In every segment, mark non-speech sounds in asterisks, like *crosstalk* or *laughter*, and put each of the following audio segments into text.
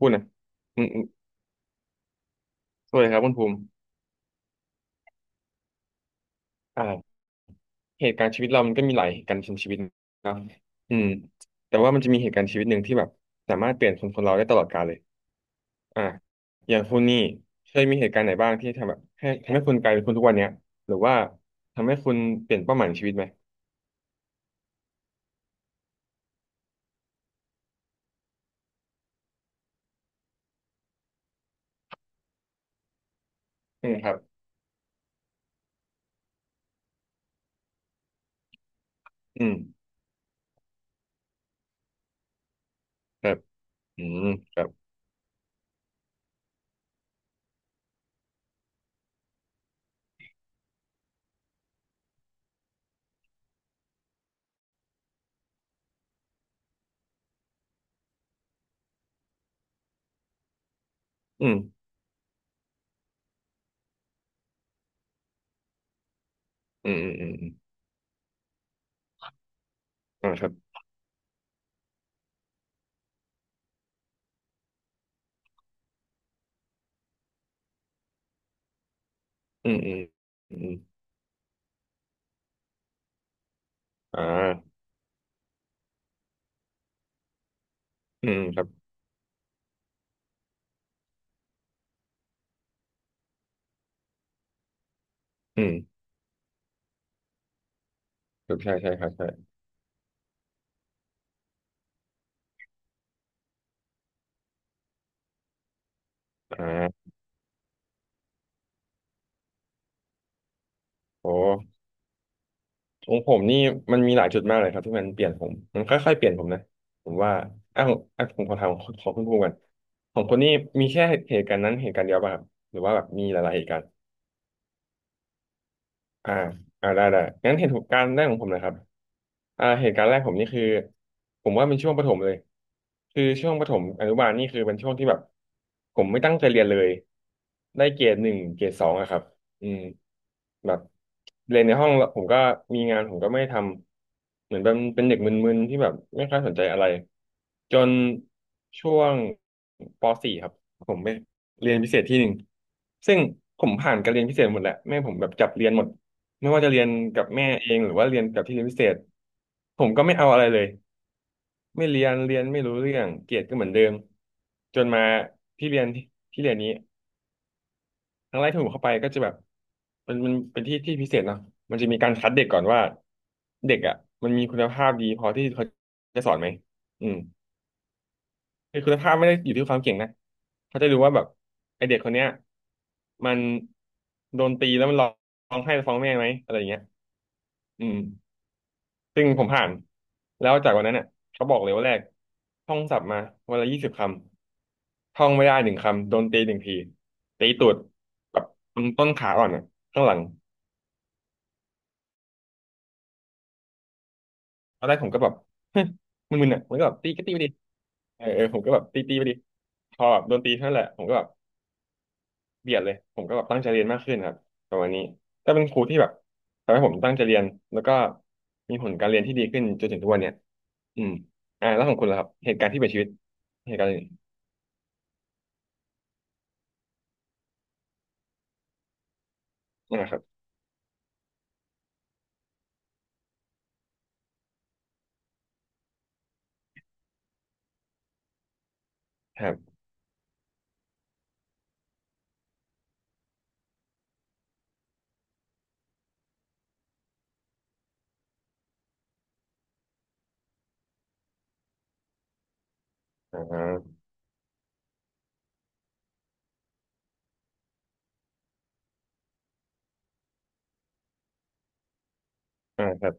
พูดนะอืมอืมสวัสดีครับคุณภูมิอ่าเหตุการณ์ชีวิตเรามันก็มีหลายเหตุการณ์นชีวิตนะอืมแต่ว่ามันจะมีเหตุการณ์ชีวิตหนึ่งที่แบบสามารถเปลี่ยนคนคนเราได้ตลอดกาลเลยอ่าอย่างคุณนี่เคยมีเหตุการณ์ไหนบ้างที่ทำแบบให้ทำให้คุณกลายเป็นคนทุกวันเนี้ยหรือว่าทำให้คุณเปลี่ยนเป้าหมายในชีวิตไหมอืมครับอืมครับอืมครับอืมอืมอืมอืมอืมอ่าครับอืมอืมอือมอ่าอืมครับอืมครับใช่ใช่ครับใช่อ่าโอ้ ของผมนี่มันมีหลายจุดมากเลยครับที่มันเปลี่ยนผมมันค่อยๆเปลี่ยนผมนะผมว่าอ้าวองอ่ะผมขอถามของคุณภูมิกันของคนนี้มีแค่เหตุการณ์นั้นเหตุการณ์เดียวป่ะครับหรือว่าแบบมีหลายๆเหตุการณ์ อ่าอ่าได้ได้งั้นเหตุการณ์แรกของผมนะครับเหตุการณ์แรกผมนี่คือผมว่าเป็นช่วงประถมเลยคือช่วงประถมอนุบาลนี่คือเป็นช่วงที่แบบผมไม่ตั้งใจเรียนเลยได้เกรดหนึ่งเกรดสองอะครับอืมแบบเรียนในห้องแล้วผมก็มีงานผมก็ไม่ได้ทำเหมือนเป็นเด็กมึนๆที่แบบไม่ค่อยสนใจอะไรจนช่วงปสี่ครับผมไปเรียนพิเศษที่หนึ่งซึ่งผมผ่านการเรียนพิเศษหมดแหละแม่ผมแบบจับเรียนหมด ไม่ว่าจะเรียนกับแม่เองหรือว่าเรียนกับที่เรียนพิเศษผมก็ไม่เอาอะไรเลยไม่เรียนเรียนไม่รู้เรื่องเกรดก็เหมือนเดิมจนมาที่เรียนที่ที่เรียนนี้ครั้งแรกที่ผมเข้าไปก็จะแบบเป็นมันเป็นที่ที่พิเศษเนาะมันจะมีการคัดเด็กก่อนว่าเด็กอ่ะมันมีคุณภาพดีพอที่เขาจะสอนไหมอืมคือคุณภาพไม่ได้อยู่ที่ความเก่งนะเขาจะดูว่าแบบไอเด็กคนเนี้ยมันโดนตีแล้วมันร้องไห้ฟ้องแม่ไหมอะไรอย่างเงี้ยอืม ซึ่งผมผ่านแล้วจากวันนั้นเนี่ยเขาบอกเลยว่าแรกท่องศัพท์มาวันละยี่สิบคำท่องไม่ได้หนึ่งคำโดนตีหนึ่งทีตีตูดแบบตรงต้นขาอ่อนอ่ะข้างหลังตอนแรกผมก็แบบ *laughs* มึนๆอ่ะมันก็แบบตีก็ตีไปดิเออเออผมก็แบบตีไปดิพอแบบโดนตีเท่านั้นแหละผมก็แบบเบียดเลยผมก็แบบตั้งใจเรียนมากขึ้นครับประมาณนี้ก็เป็นครูที่แบบทำให้ผมตั้งใจเรียนแล้วก็มีผลการเรียนที่ดีขึ้นจนถึงทุกวันเนี่ยอืมแล้วของคุณล่ะครับเหตุการณ์ที่เปลี่ยนชีวิตเหตุการณ์อะไร อ่าครับครับอ่าอ่าครับ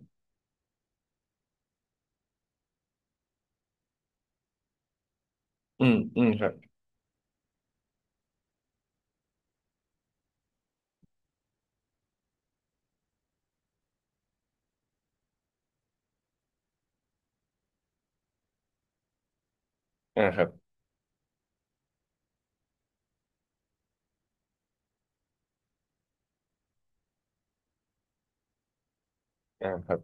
อืมอืมครับอ่าครับอ่าครับ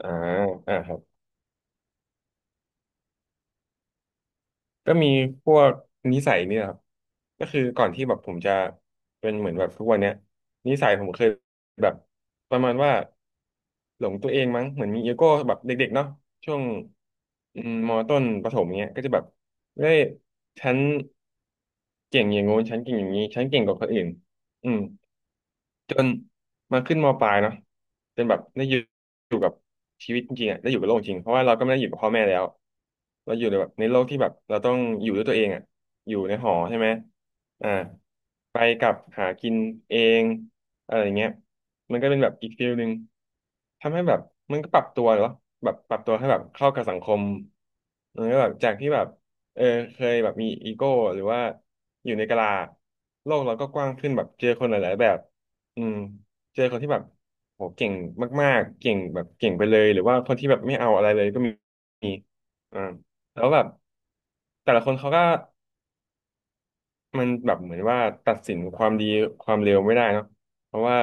อ่าอ่าครับ ก็มีพวกนิสัยเนี่ยครับก็คือก่อนที่แบบผมจะเป็นเหมือนแบบทุกวันเนี้ยนิสัยผมเคยแบบประมาณว่าหลงตัวเองมั้งเหมือนมีอีโก้แบบเด็กๆเนาะช่วงอืมมต้นประถมเนี้ยก็จะแบบเฮ้ยฉันเก่งอย่างงู้นฉันเก่งอย่างนี้ฉันเก่งกว่าคนอื่นอืม จนมาขึ้นมปลายเนาะจนแบบได้อยู่อยู่กับชีวิตจริงๆอะได้อยู่กับโลกจริงเพราะว่าเราก็ไม่ได้อยู่กับพ่อแม่แล้วเราอยู่ในแบบในโลกที่แบบเราต้องอยู่ด้วยตัวเองอ่ะอยู่ในหอใช่ไหมอ่าไปกลับหากินเองอะไรอย่างเงี้ยมันก็เป็นแบบอีกฟิลหนึ่งทำให้แบบมันก็ปรับตัวเหรอแบบปรับตัวให้แบบเข้ากับสังคมมันก็แบบจากที่แบบเออเคยแบบมีอีโก้หรือว่าอยู่ในกะลาโลกเราก็กว้างขึ้นแบบเจอคนหลายๆแบบ อืมเจอคนที่แบบโหเก่งมากๆเก่งแบบเก่งไปเลยหรือว่าคนที่แบบไม่เอาอะไรเลยก็มีมีอ่าแล้วแบบแต่ละคนเขาก็มันแบบเหมือนว่าตัดสินความดีความเลวไม่ได้เนาะเพราะว่า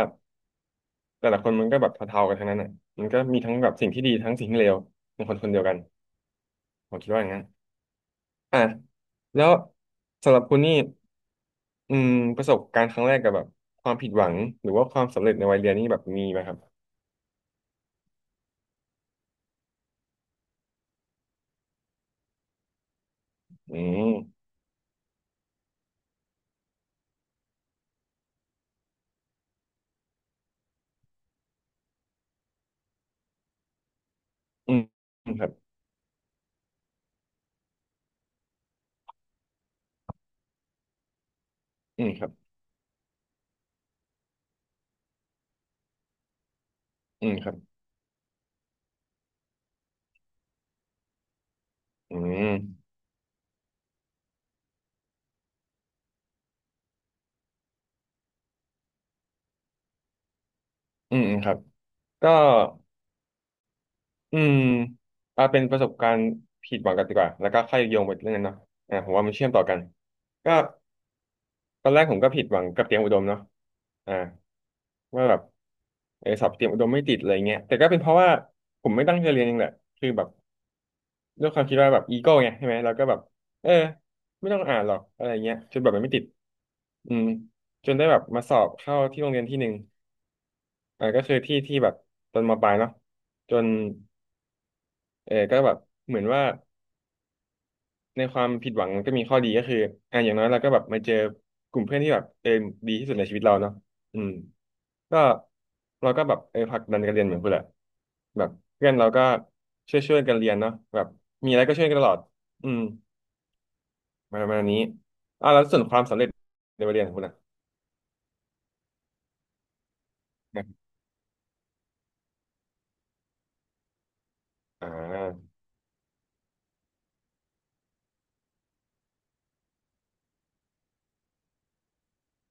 แต่ละคนมันก็แบบเท่าๆกันทั้งนั้นอ่ะมันก็มีทั้งแบบสิ่งที่ดีทั้งสิ่งที่เลวในคนคนเดียวกันผมคิดว่าอย่างนั้นอ่ะแล้วสำหรับคุณนี่อืมประสบการณ์ครั้งแรกกับแบบความผิดหวังหรือว่าความสำเร็จในวัยเรียนนี่แบบมีไหมครับอืมอืมครับ อืมครับ อืมครับอืมอืมอืมครับ ก็อืมเอาเป็นประสบการณ์ผิดหวังกันดีกว่า แล้วก็ค่อยโยงไปเรื่องนั้นเนาะผมว่ามันเชื่อมต่อกัน ก็ตอนแรกผมก็ผิดหวังกับเตรียมอุดมเนาะอ่าว่าแบบสอบเตรียมอุดมไม่ติดอะไรเงี้ยแต่ก็เป็นเพราะว่าผมไม่ตั้งใจเรียนเองแหละคือแบบด้วยความคิดว่าแบบอีโก้ไงใช่ไหมเราก็แบบเออไม่ต้องอ่านหรอกอะไรเงี้ยจนแบบมันไม่ติดอืมจนได้แบบมาสอบเข้าที่โรงเรียนที่หนึ่ง ก็คือที่ที่แบบตอนมปลายเนาะจนก็แบบเหมือนว่าในความผิดหวังก็มีข้อดีก็คืออย่างน้อยเราก็แบบมาเจอกลุ่มเพื่อนที่แบบดีที่สุดในชีวิตเราเนาะอืมก็เราก็แบบผลักดันกันเรียนเหมือนเพื่อนแหละแบบเพื่อนเราก็ช่วยกันเรียนเนาะแบบมีอะไรก็ช่วยกันตลอดอืมมาประมาณนี้แล้วส่วนความสำเร็จในวัยเรียนของคุณนะอ่า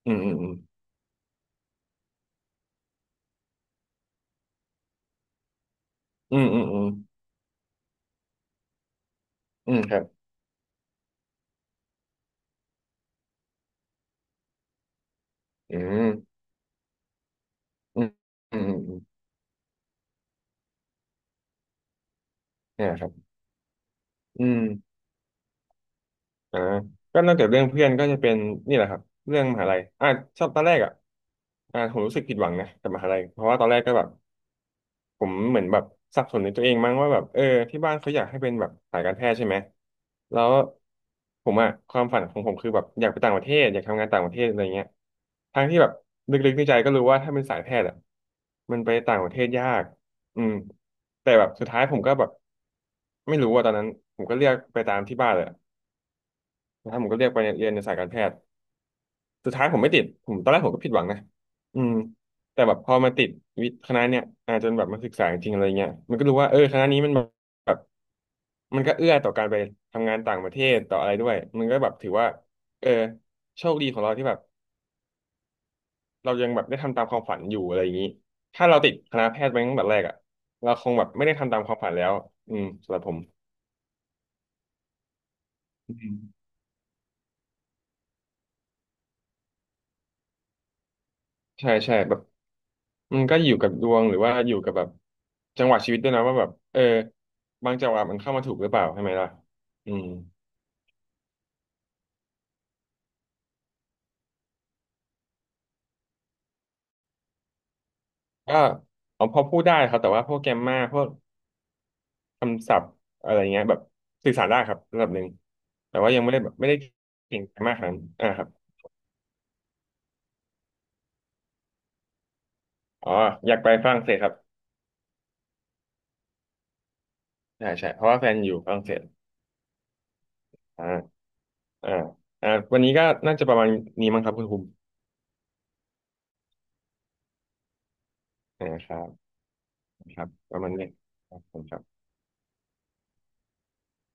อืมอืมอืมอืมอืมอืมอืมครับอืมอืมอืมอืมอืมเนี่ยครับ อืมอ่าก็นอกจากเรื่องเพื่อนก็จะเป็นนี่แหละครับเรื่องมหาลัยชอบตอนแรกอ่ะผมรู้สึกผิดหวังนะกับมหาลัยเพราะว่าตอนแรกก็แบบผมเหมือนแบบสับสนในตัวเองมั้งว่าแบบที่บ้านเขาอยากให้เป็นแบบสายการแพทย์ใช่ไหมแล้วผมอ่ะความฝันของผมคือแบบอยากไปต่างประเทศอยากทำงานต่างประเทศอะไรเงี้ยทั้งที่แบบลึกๆในใจก็รู้ว่าถ้าเป็นสายแพทย์อ่ะมันไปต่างประเทศยากอืมแต่แบบสุดท้ายผมก็แบบไม่รู้ว่าตอนนั้นผมก็เรียกไปตามที่บ้านเลย นะครับผมก็เรียกไปเรียนในสายการแพทย์สุดท้ายผมไม่ติดผมตอนแรกผมก็ผิดหวังนะอืมแต่แบบพอมาติดวิทย์คณะเนี่ยอาจนแบบมาศึกษาจริงอะไรเงี้ยมันก็รู้ว่าคณะนี้มันแบบมันก็เอื้อต่อการไปทำงานต่างประเทศต่ออะไรด้วยมันก็แบบถือว่าเออโชคดีของเราที่แบบเรายังแบบได้ทำตามความฝันอยู่อะไรอย่างนี้ถ้าเราติดคณะแพทย์ไปตั้งแต่แรกอ่ะเราคงแบบไม่ได้ทำตามความฝันแล้วอืมสำหรับผม ใช่ใช่แบบมันก็อยู่กับดวงหรือว่าอยู่กับแบบจังหวะชีวิตด้วยนะว่าแบบบางจังหวะมันเข้ามาถูกหรือเปล่าใช่ไหมล่ะอืมก็เอาพอพูดได้ครับแต่ว่าพวกแกมมาพวกคำศัพท์อะไรเงี้ยแบบสื่อสารได้ครับระดับหนึ่งแต่ว่ายังไม่ได้แบบไม่ได้เก่งมากขนาดนั้นอ่าครับอ๋ออยากไปฝรั่งเศสครับใช่ใช่เพราะว่าแฟนอยู่ฝรั่งเศสอ่าอ่าอ่าวันนี้ก็น่าจะประมาณนี้มั้งครับคุณภูมิอ่าครับครับประมาณนี้ครับขอบคุณครับ